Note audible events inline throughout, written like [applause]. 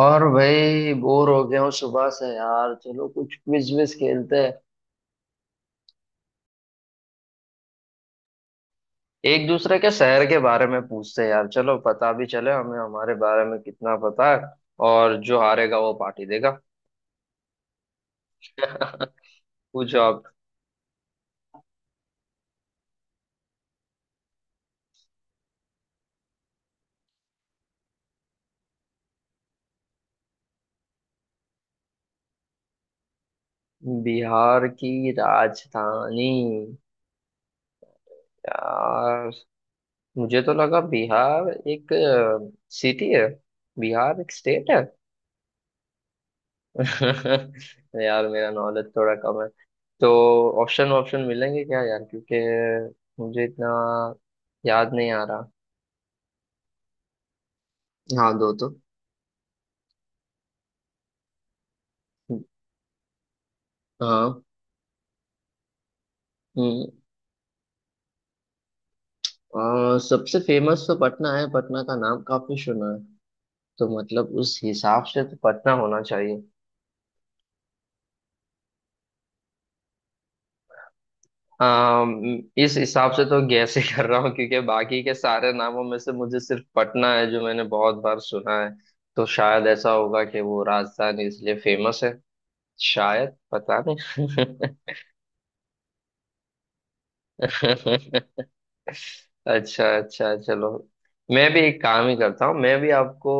और भाई बोर हो गया हूँ सुबह से यार। चलो कुछ क्विज विज खेलते हैं। एक दूसरे के शहर के बारे में पूछते हैं यार। चलो पता भी चले हमें हमारे बारे में कितना पता है। और जो हारेगा वो पार्टी देगा। [laughs] पूछो आप। बिहार की राजधानी। यार मुझे तो लगा बिहार एक सिटी है। बिहार एक स्टेट है। [laughs] यार मेरा नॉलेज थोड़ा कम है। तो ऑप्शन ऑप्शन मिलेंगे क्या यार, क्योंकि मुझे इतना याद नहीं आ रहा। हाँ दो तो। हाँ। हम्म, सबसे फेमस तो पटना है, पटना का नाम काफी सुना है। तो मतलब उस हिसाब से तो पटना होना चाहिए। इस हिसाब से तो गैस ही कर रहा हूँ, क्योंकि बाकी के सारे नामों में से मुझे सिर्फ पटना है जो मैंने बहुत बार सुना है। तो शायद ऐसा होगा कि वो राजधानी इसलिए फेमस है। शायद पता नहीं। [laughs] अच्छा अच्छा, चलो। मैं भी एक काम ही करता हूँ, मैं भी आपको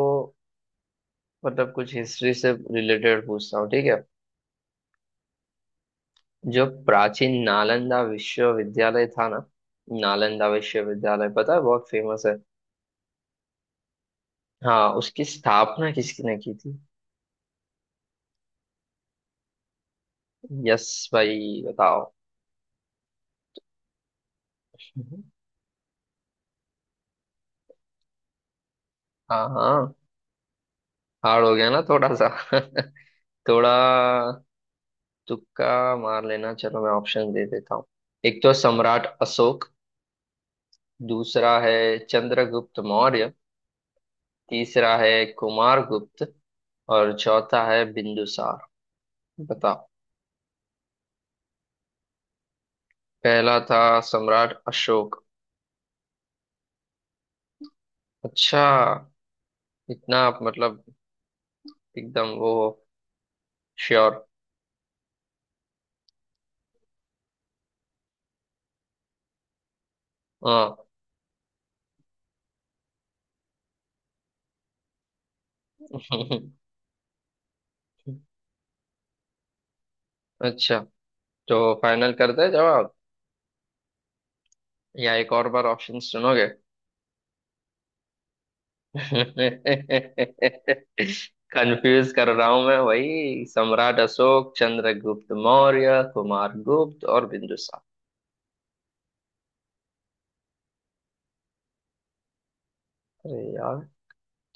मतलब कुछ हिस्ट्री से रिलेटेड पूछता हूँ, ठीक है। जो प्राचीन नालंदा विश्वविद्यालय था ना, नालंदा विश्वविद्यालय पता है, बहुत फेमस है। हाँ उसकी स्थापना किसने की थी। यस, भाई बताओ। हाँ हाँ, हार्ड हो गया ना थोड़ा सा। [laughs] थोड़ा तुक्का मार लेना। चलो मैं ऑप्शन दे देता हूँ। एक तो सम्राट अशोक। दूसरा है चंद्रगुप्त मौर्य। तीसरा है कुमार गुप्त। और चौथा है बिंदुसार। बताओ। पहला था सम्राट अशोक। अच्छा, इतना आप मतलब एकदम वो श्योर। हाँ। [laughs] अच्छा, तो फाइनल करते हैं जवाब, या एक और बार ऑप्शन सुनोगे। कंफ्यूज कर रहा हूं मैं, वही सम्राट अशोक, चंद्रगुप्त मौर्य, कुमार गुप्त और बिंदुसार। अरे यार।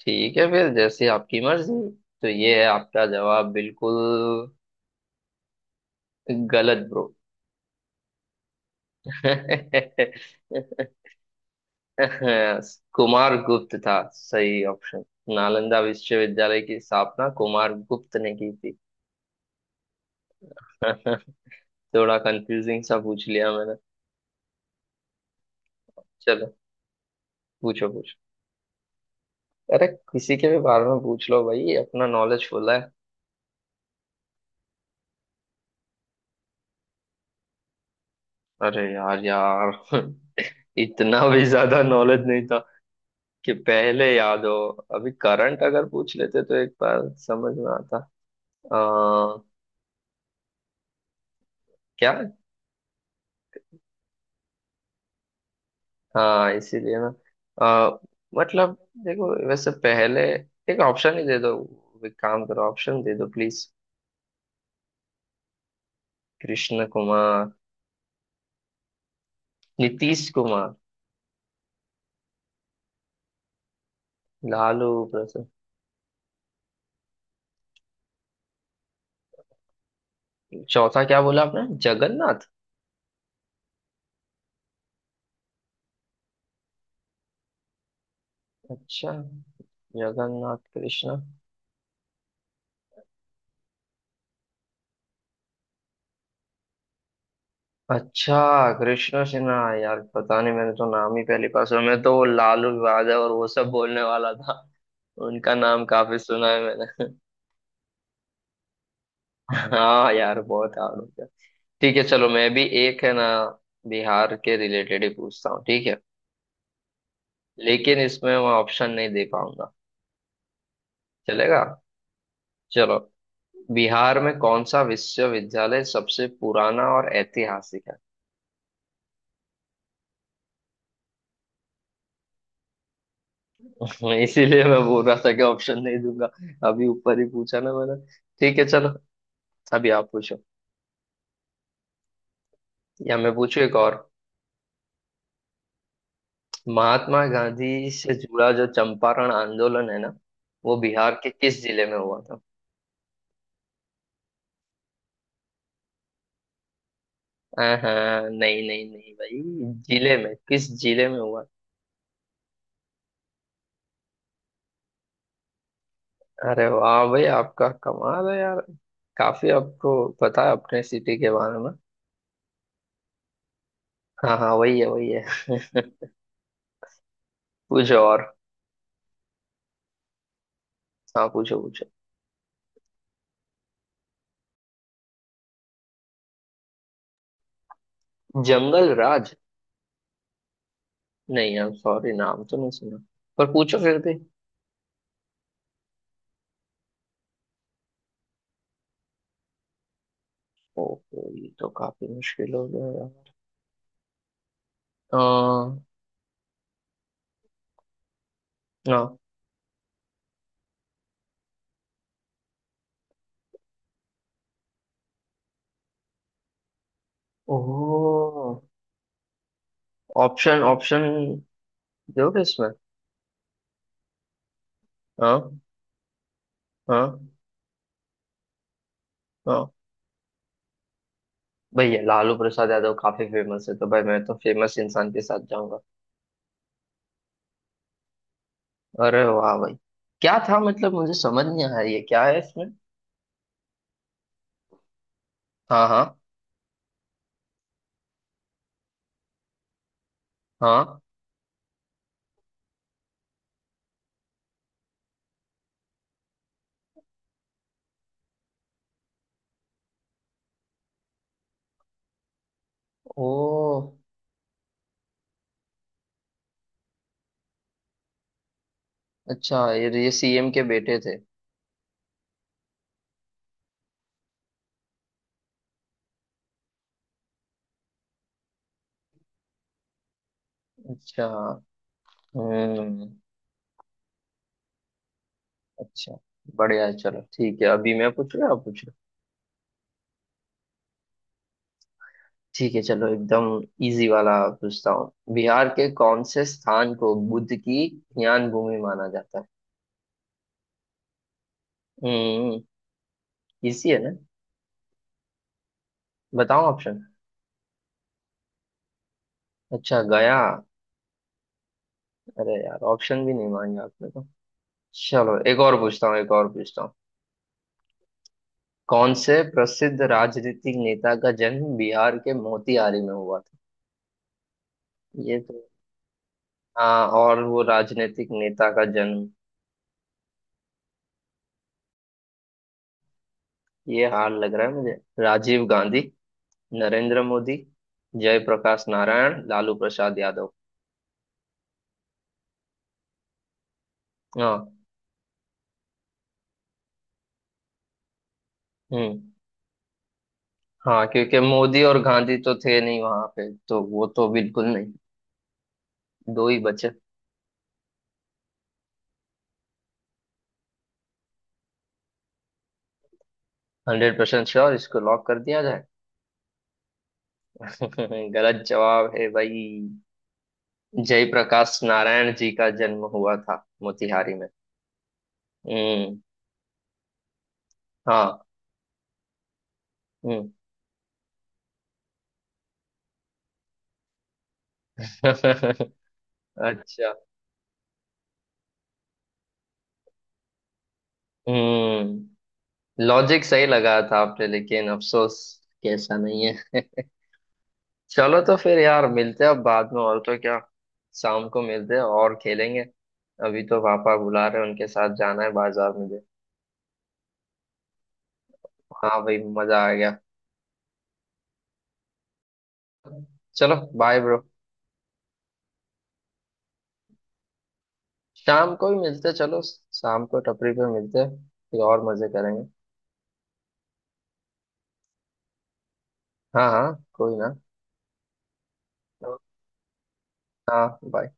ठीक है फिर, जैसी आपकी मर्जी। तो ये है आपका जवाब, बिल्कुल गलत ब्रो। [laughs] कुमार गुप्त था सही ऑप्शन। नालंदा विश्वविद्यालय की स्थापना कुमार गुप्त ने की थी। [laughs] थोड़ा कंफ्यूजिंग सा पूछ लिया मैंने। चलो, पूछो पूछो। अरे किसी के भी बारे में पूछ लो भाई, अपना नॉलेज फुल है। अरे यार यार। [laughs] इतना भी ज्यादा नॉलेज नहीं था कि पहले याद हो। अभी करंट अगर पूछ लेते तो एक बार समझ में आता। आ, क्या? हाँ इसीलिए ना। अ, मतलब देखो वैसे पहले एक ऑप्शन ही दे दो। एक काम करो, ऑप्शन दे दो प्लीज। कृष्ण कुमार। नीतीश कुमार। लालू प्रसाद। चौथा क्या बोला आपने, जगन्नाथ? अच्छा, जगन्नाथ कृष्णा। अच्छा कृष्ण सिन्हा। यार पता नहीं, मैंने तो नाम ही पहली बार सुना। मैं तो वो लालू यादव और वो सब बोलने वाला था। उनका नाम काफी सुना है मैंने। [laughs] हाँ यार, बहुत हार्ड हो गया। ठीक है चलो, मैं भी एक है ना, बिहार के रिलेटेड ही पूछता हूँ, ठीक है। लेकिन इसमें मैं ऑप्शन नहीं दे पाऊंगा, चलेगा? चलो। बिहार में कौन सा विश्वविद्यालय सबसे पुराना और ऐतिहासिक है। मैं इसीलिए मैं बोल रहा था कि ऑप्शन नहीं दूंगा। अभी ऊपर ही पूछा ना मैंने। ठीक है चलो। अभी आप पूछो, या मैं पूछूं एक और। महात्मा गांधी से जुड़ा जो चंपारण आंदोलन है ना, वो बिहार के किस जिले में हुआ था। हाँ, नहीं नहीं नहीं भाई, जिले में, किस जिले में हुआ। अरे वाह भाई, आपका कमाल है यार। काफी आपको पता है अपने सिटी के बारे में। हाँ हाँ, वही है वही है। पूछो और। हाँ पूछो पूछो। जंगल राज? नहीं हम सॉरी, नाम तो नहीं सुना। पर पूछो फिर भी। ओहो, ये तो काफी मुश्किल हो गया यार। अ, हाँ। ओह। ऑप्शन ऑप्शन दोगे इसमें। हाँ। हाँ हाँ। भैया लालू प्रसाद यादव काफी फेमस है, तो भाई मैं तो फेमस इंसान के साथ जाऊंगा। अरे वाह भाई। क्या था मतलब, मुझे समझ नहीं आया ये क्या है इसमें। हाँ हाँ हाँ। ओ। अच्छा, ये सीएम के बेटे थे। अच्छा। हम्म। अच्छा, बढ़िया है, चलो ठीक है। अभी मैं पूछ रहा, आप पूछ रहे हो? ठीक है चलो। एकदम इजी वाला पूछता हूँ। बिहार के कौन से स्थान को बुद्ध की ज्ञान भूमि माना जाता है। हम्म। इसी है ना। बताओ ऑप्शन। अच्छा गया। अरे यार, ऑप्शन भी नहीं मांगे आपने तो। चलो एक और पूछता हूँ, एक और पूछता हूँ। कौन से प्रसिद्ध राजनीतिक नेता का जन्म बिहार के मोतिहारी में हुआ था। ये तो, हाँ, और वो राजनीतिक नेता का जन्म। ये हाल लग रहा है मुझे। राजीव गांधी, नरेंद्र मोदी, जयप्रकाश नारायण, लालू प्रसाद यादव। हाँ। हम्म। हाँ, क्योंकि मोदी और गांधी तो थे नहीं वहां पे, तो वो तो बिल्कुल नहीं। दो ही बचे। हंड्रेड परसेंट श्योर, इसको लॉक कर दिया जाए। [laughs] गलत जवाब है भाई। जयप्रकाश नारायण जी का जन्म हुआ था मोतिहारी में। हम्म। हाँ। हम्म। [laughs] अच्छा। हम्म। लॉजिक सही लगा था आपने, लेकिन अफसोस कैसा नहीं है। चलो तो फिर यार, मिलते हैं अब बाद में, और तो क्या। शाम को मिलते हैं और खेलेंगे। अभी तो पापा बुला रहे हैं, उनके साथ जाना है बाजार मुझे। हाँ भाई, मजा आ गया। चलो बाय ब्रो। शाम को ही मिलते हैं, चलो शाम को टपरी पे मिलते हैं, फिर और मजे करेंगे। हाँ हाँ कोई ना। हाँ बाय।